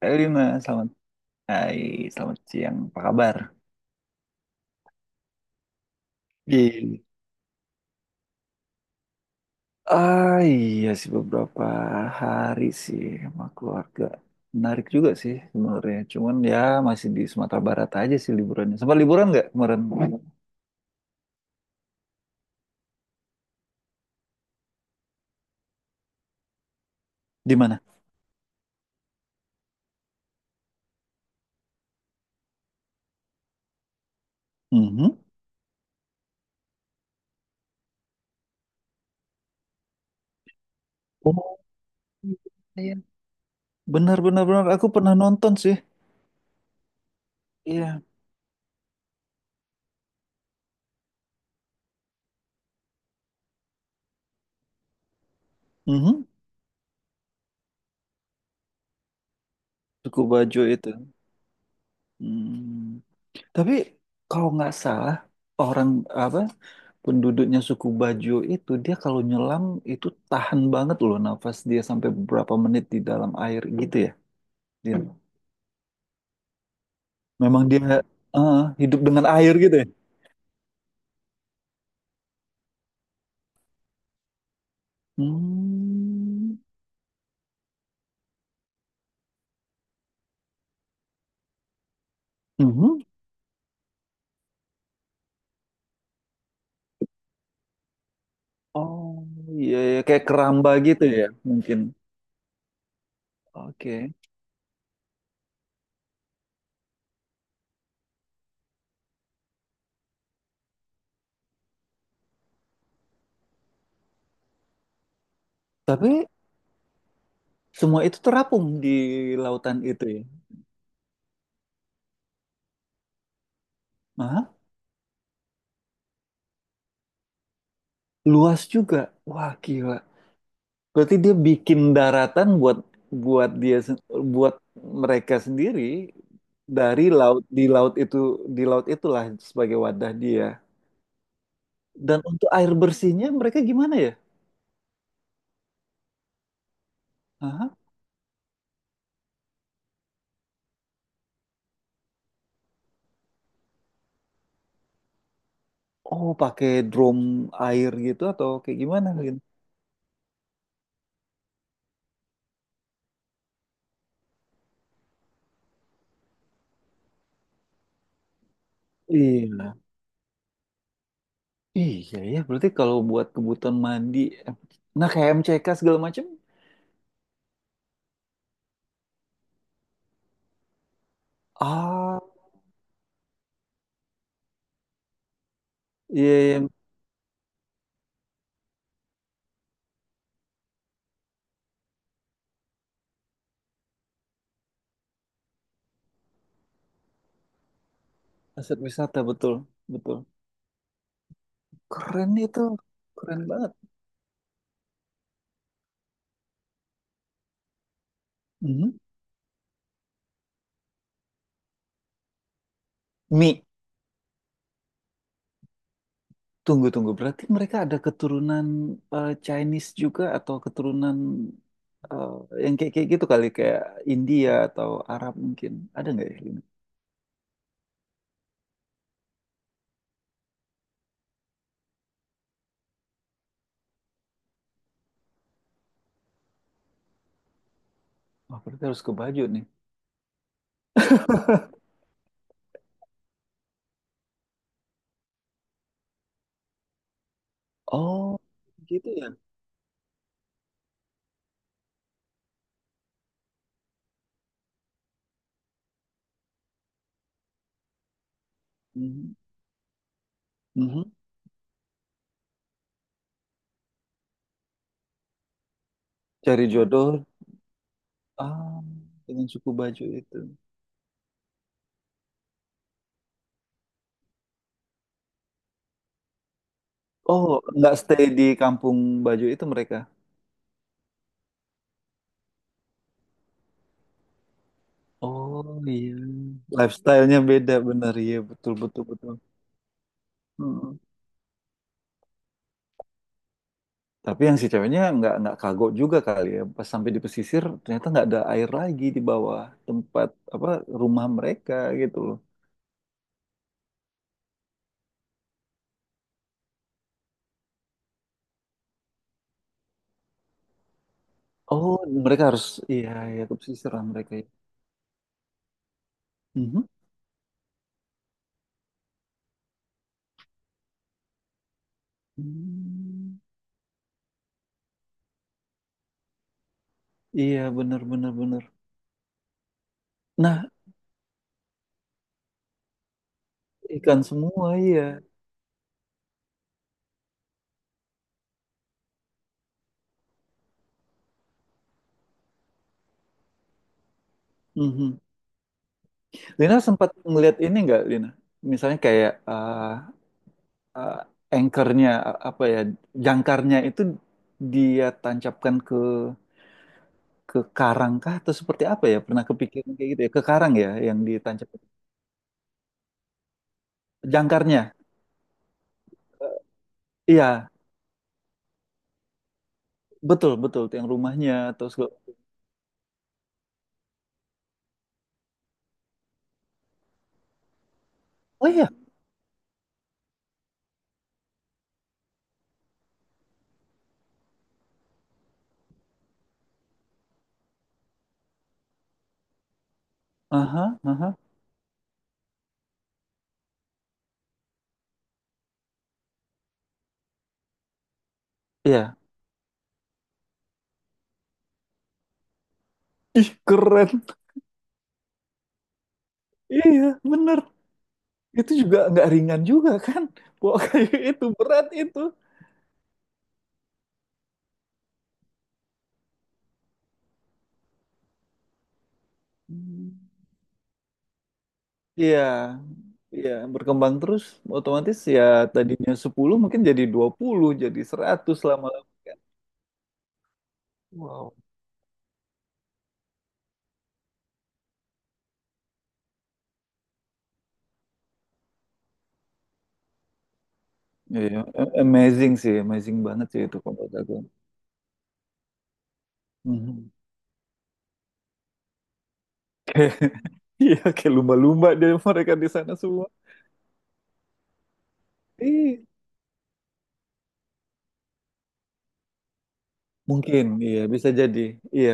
Halo Mas, selamat Hai, selamat siang. Apa kabar? Gini. Ah iya sih beberapa hari sih sama keluarga. Menarik juga sih sebenarnya. Cuman ya masih di Sumatera Barat aja sih liburannya. Sempat liburan nggak kemarin? Di mana? Mhm. Oh, benar, benar, benar. Aku pernah nonton sih. Iya. Mhm. Suku Bajo itu. Hmm. Tapi kalau nggak salah orang apa penduduknya suku Bajo itu dia kalau nyelam itu tahan banget loh nafas dia sampai beberapa menit di dalam air gitu ya. Dia, memang dia eh, hidup dengan air gitu ya. Hmm. Mhm. Oh iya iya, kayak keramba gitu ya mungkin. Oke. Tapi semua itu terapung di lautan itu ya. Nah, luas juga. Wah gila. Berarti dia bikin daratan buat buat dia sen- buat mereka sendiri dari laut di laut itu di laut itulah sebagai wadah dia. Dan untuk air bersihnya mereka gimana ya? Aha. Oh, pakai drum air gitu atau kayak gimana gitu? Iya. Iya ya, berarti kalau buat kebutuhan mandi, em, nah kayak MCK segala macam. Ah, iya, iya, aset wisata betul, betul. Keren itu, keren banget. Mhm. Mie, tunggu, tunggu. Berarti mereka ada keturunan Chinese juga atau keturunan eh, yang kayak kayak gitu kali kayak India atau Arab mungkin. Ada nggak ya, Lina? Wah, berarti harus ke baju nih. Oh, gitu ya. Mhm. Mhm. Cari jodoh ah, dengan suku baju itu. Oh, nggak stay di kampung baju itu mereka. Oh iya, lifestyle-nya beda benar ya, betul betul betul. Mhm. Tapi yang si ceweknya nggak kagok juga kali ya. Pas sampai di pesisir ternyata nggak ada air lagi di bawah tempat apa rumah mereka gitu loh. Oh, mereka harus iya ya ke pesisir lah mereka ya. Mhm. Hmm, iya bener bener bener. Nah ikan semua iya. Mhm. Lina sempat ngeliat ini nggak, Lina? Misalnya kayak eh, anchornya apa ya jangkarnya itu dia tancapkan ke karang kah atau seperti apa ya? Pernah kepikiran kayak gitu ya? Ke karang ya yang di Tancap. Jangkarnya. Eh, iya, betul betul yang rumahnya atau segala- Oh iya. Aha, aha. Iya. Ih, keren. Iya, bener. Itu juga nggak ringan juga kan? Bawa kayu itu berat itu. Hmm. Iya. Iya, berkembang terus otomatis ya tadinya 10 mungkin jadi 20 jadi 100 lama-lama kan. Wow. Iya, a- amazing sih, amazing banget sih itu kalau menurut aku. Mhm. Iya, kayak lumba-lumba dari mereka di sana semua. Ih, mungkin, iya bisa jadi. Iya,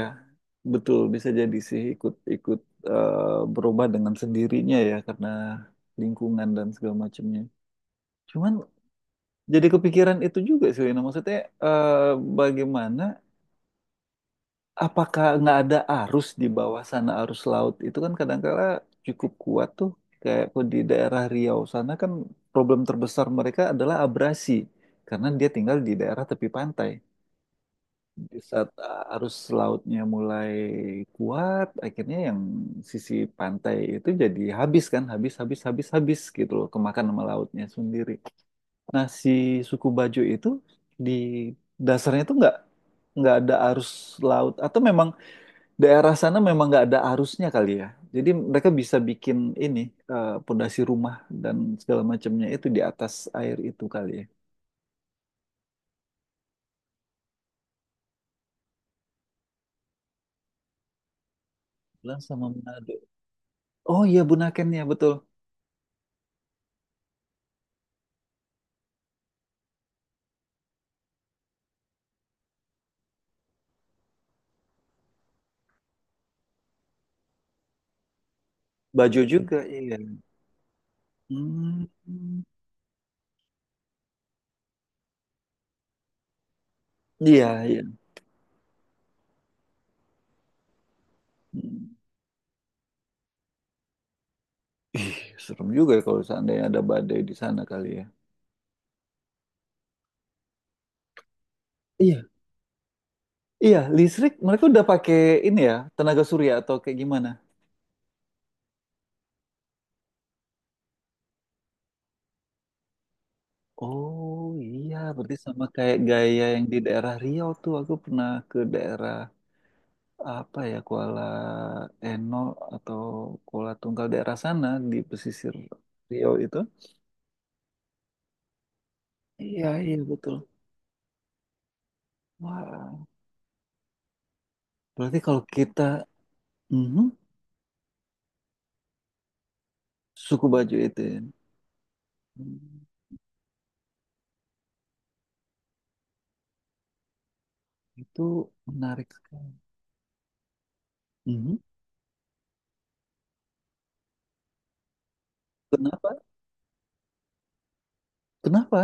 betul bisa jadi sih ikut-ikut berubah dengan sendirinya ya karena lingkungan dan segala macamnya. Cuman jadi kepikiran itu juga sih, Wina. Maksudnya eh, bagaimana apakah nggak ada arus di bawah sana arus laut itu kan kadangkala cukup kuat tuh kayak di daerah Riau sana kan problem terbesar mereka adalah abrasi karena dia tinggal di daerah tepi pantai di saat arus lautnya mulai kuat akhirnya yang sisi pantai itu jadi habis kan habis habis habis habis gitu loh kemakan sama lautnya sendiri nah si suku Bajo itu di dasarnya tuh nggak ada arus laut atau memang daerah sana memang nggak ada arusnya kali ya. Jadi mereka bisa bikin ini pondasi rumah dan segala macamnya itu di atas air itu kali ya. Bilang sama Manado. Oh iya Bunaken ya betul. Bajo juga iya. Hmm. Iya iya. Hmm. Ih, serem juga ya kalau seandainya ada badai di sana kali ya. Iya. Iya, listrik mereka udah pakai ini ya, tenaga surya atau kayak gimana? Oh iya, berarti sama kayak gaya yang di daerah Riau tuh. Aku pernah ke daerah apa ya Kuala Eno atau Kuala Tunggal daerah sana di pesisir Riau itu. Iya, iya betul. Wah, berarti kalau kita mhm, suku baju itu ya. Hmm, itu menarik sekali. Mhm. Kenapa? Kenapa?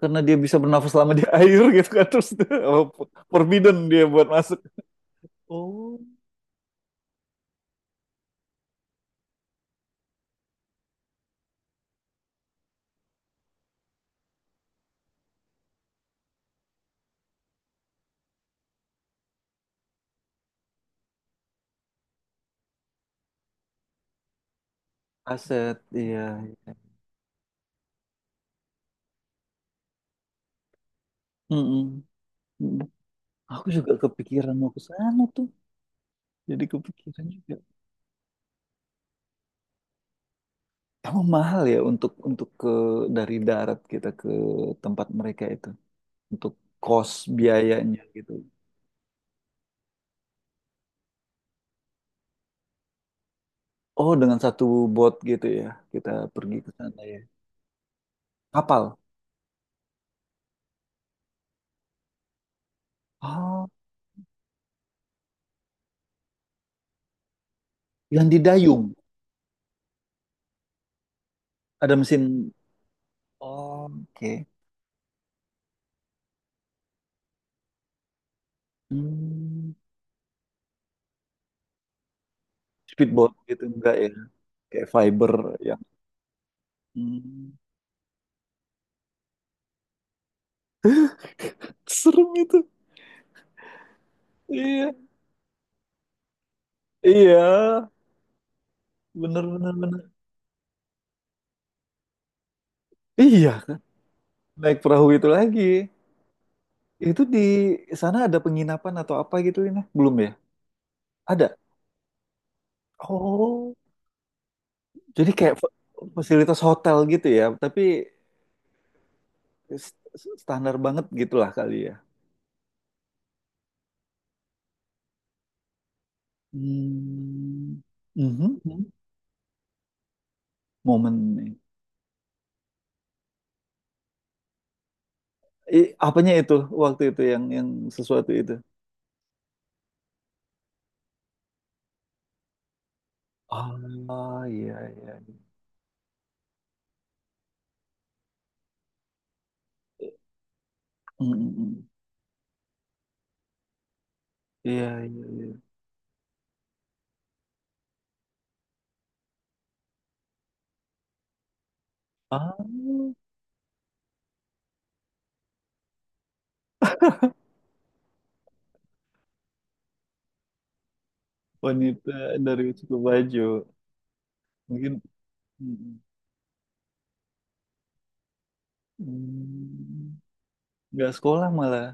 Karena dia bisa bernafas lama di air gitu kan terus apa, forbidden dia buat masuk. Oh, aset. Iya, iya. Mm, mm-mm, mm. Aku juga kepikiran mau ke sana tuh. Jadi kepikiran juga. Emang mahal ya untuk ke dari darat kita ke tempat mereka itu untuk kos biayanya gitu. Oh, dengan satu bot gitu ya kita pergi ke sana ya. Kapal. Oh, yang didayung ada mesin. Oh, oke. Hmm, speedboat gitu enggak ya? Kayak fiber yang hmm, serem itu. Iya, iya, bener bener bener. Iya, kan? Naik perahu itu lagi. Itu di sana ada penginapan atau apa gitu ini? Belum ya? Ada. Oh, jadi kayak fa- fasilitas hotel gitu ya, tapi s- standar banget gitulah kali ya. Hmm. Mhm. Momen nih. I- apanya itu waktu itu yang sesuatu itu? Ah, iya iya. Mm, mm, mm. Iya iya iya. Ah, wanita dari Suku Bajo. Mungkin mm, mm. Nggak sekolah malah.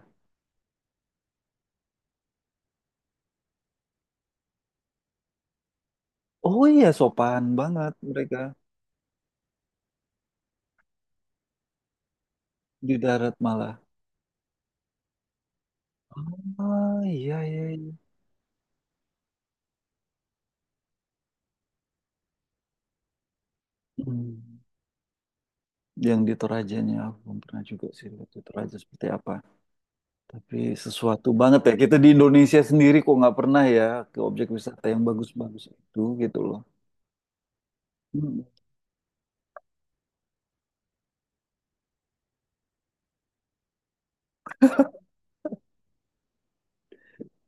Oh iya, sopan banget mereka di darat malah. Ah iya iya, iya. Hmm. Yang di Torajanya aku belum pernah juga sih lihat di Toraja seperti apa. Tapi sesuatu banget ya kita di Indonesia sendiri kok nggak pernah ya ke objek wisata yang bagus-bagus itu gitu loh. Hmm.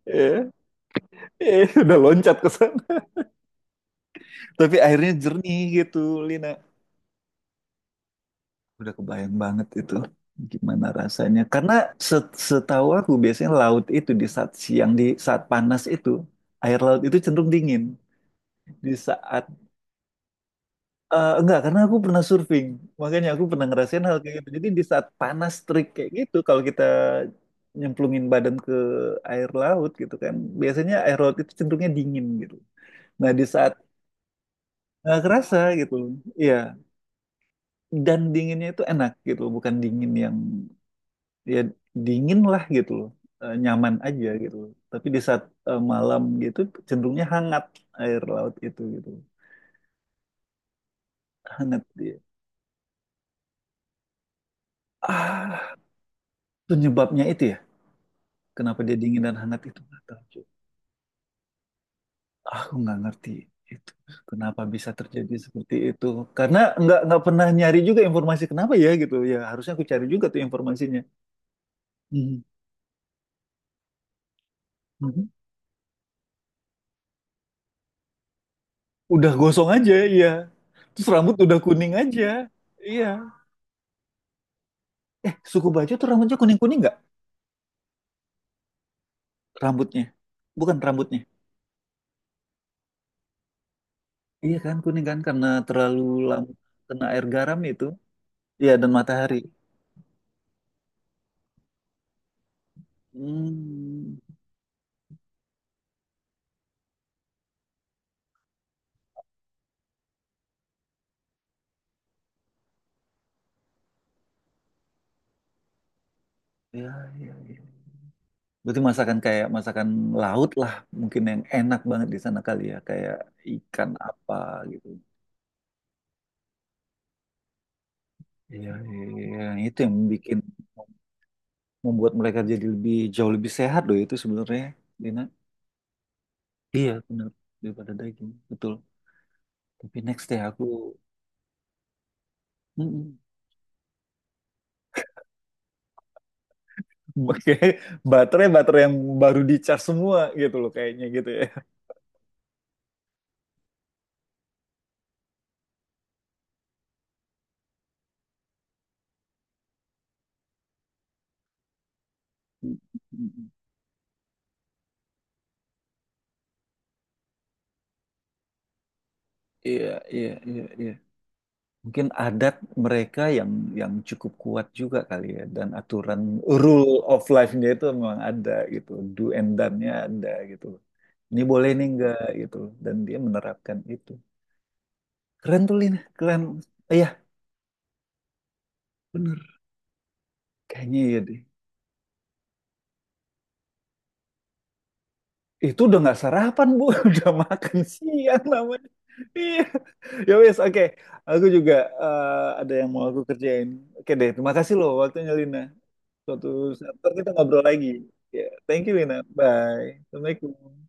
Eh, eh, udah loncat ke sana. Tapi airnya jernih gitu, Lina. Udah kebayang banget itu gimana rasanya. Karena set- setahu aku biasanya laut itu di saat siang, di saat panas itu, air laut itu cenderung dingin. Di saat, enggak, karena aku pernah surfing. Makanya aku pernah ngerasain hal kayak gitu. Jadi di saat panas terik kayak gitu, kalau kita nyemplungin badan ke air laut gitu kan, biasanya air laut itu cenderungnya dingin gitu. Nah di saat nggak kerasa gitu, iya. Dan dinginnya itu enak gitu, bukan dingin yang ya dingin lah gitu loh. Eh, nyaman aja gitu loh. Tapi di saat malam gitu cenderungnya hangat air laut itu gitu hangat dia ah penyebabnya itu ya kenapa dia dingin dan hangat itu nggak tahu cuy. Aku nggak ngerti itu kenapa bisa terjadi seperti itu karena nggak pernah nyari juga informasi kenapa ya gitu ya harusnya aku cari juga tuh informasinya. Mhm. Mhm. Udah gosong aja iya terus rambut udah kuning aja iya eh suku baju tuh rambutnya kuning kuning rambutnya bukan rambutnya iya kan kuning kan karena terlalu lama kena air garam itu iya dan matahari hmm ya ya ya berarti masakan kayak masakan laut lah mungkin yang enak banget di sana kali ya kayak ikan apa gitu iya iya iya. Itu yang bikin membuat mereka jadi lebih jauh lebih sehat loh itu sebenarnya Dina iya benar daripada daging betul tapi next deh aku. Mm-mm. Kayak baterai baterai yang baru di charge semua gitu loh kayaknya gitu ya. Iya, iya, iya, iya. Mungkin adat mereka yang cukup kuat juga kali ya dan aturan Rule of life-nya itu memang ada gitu. Do and done-nya ada gitu. Ini boleh ini enggak gitu. Dan dia menerapkan itu. Keren tuh Lina, keren. Iya, bener. Kayaknya iya deh. Itu udah nggak sarapan, Bu. Udah makan siang namanya. Iya. Ya wes, oke. Aku juga eh, ada yang mau aku kerjain. Oke deh, terima kasih loh waktunya Lina. Suatu saat ntar kita ngobrol lagi. Ya, thank you Lina. Bye. Assalamualaikum.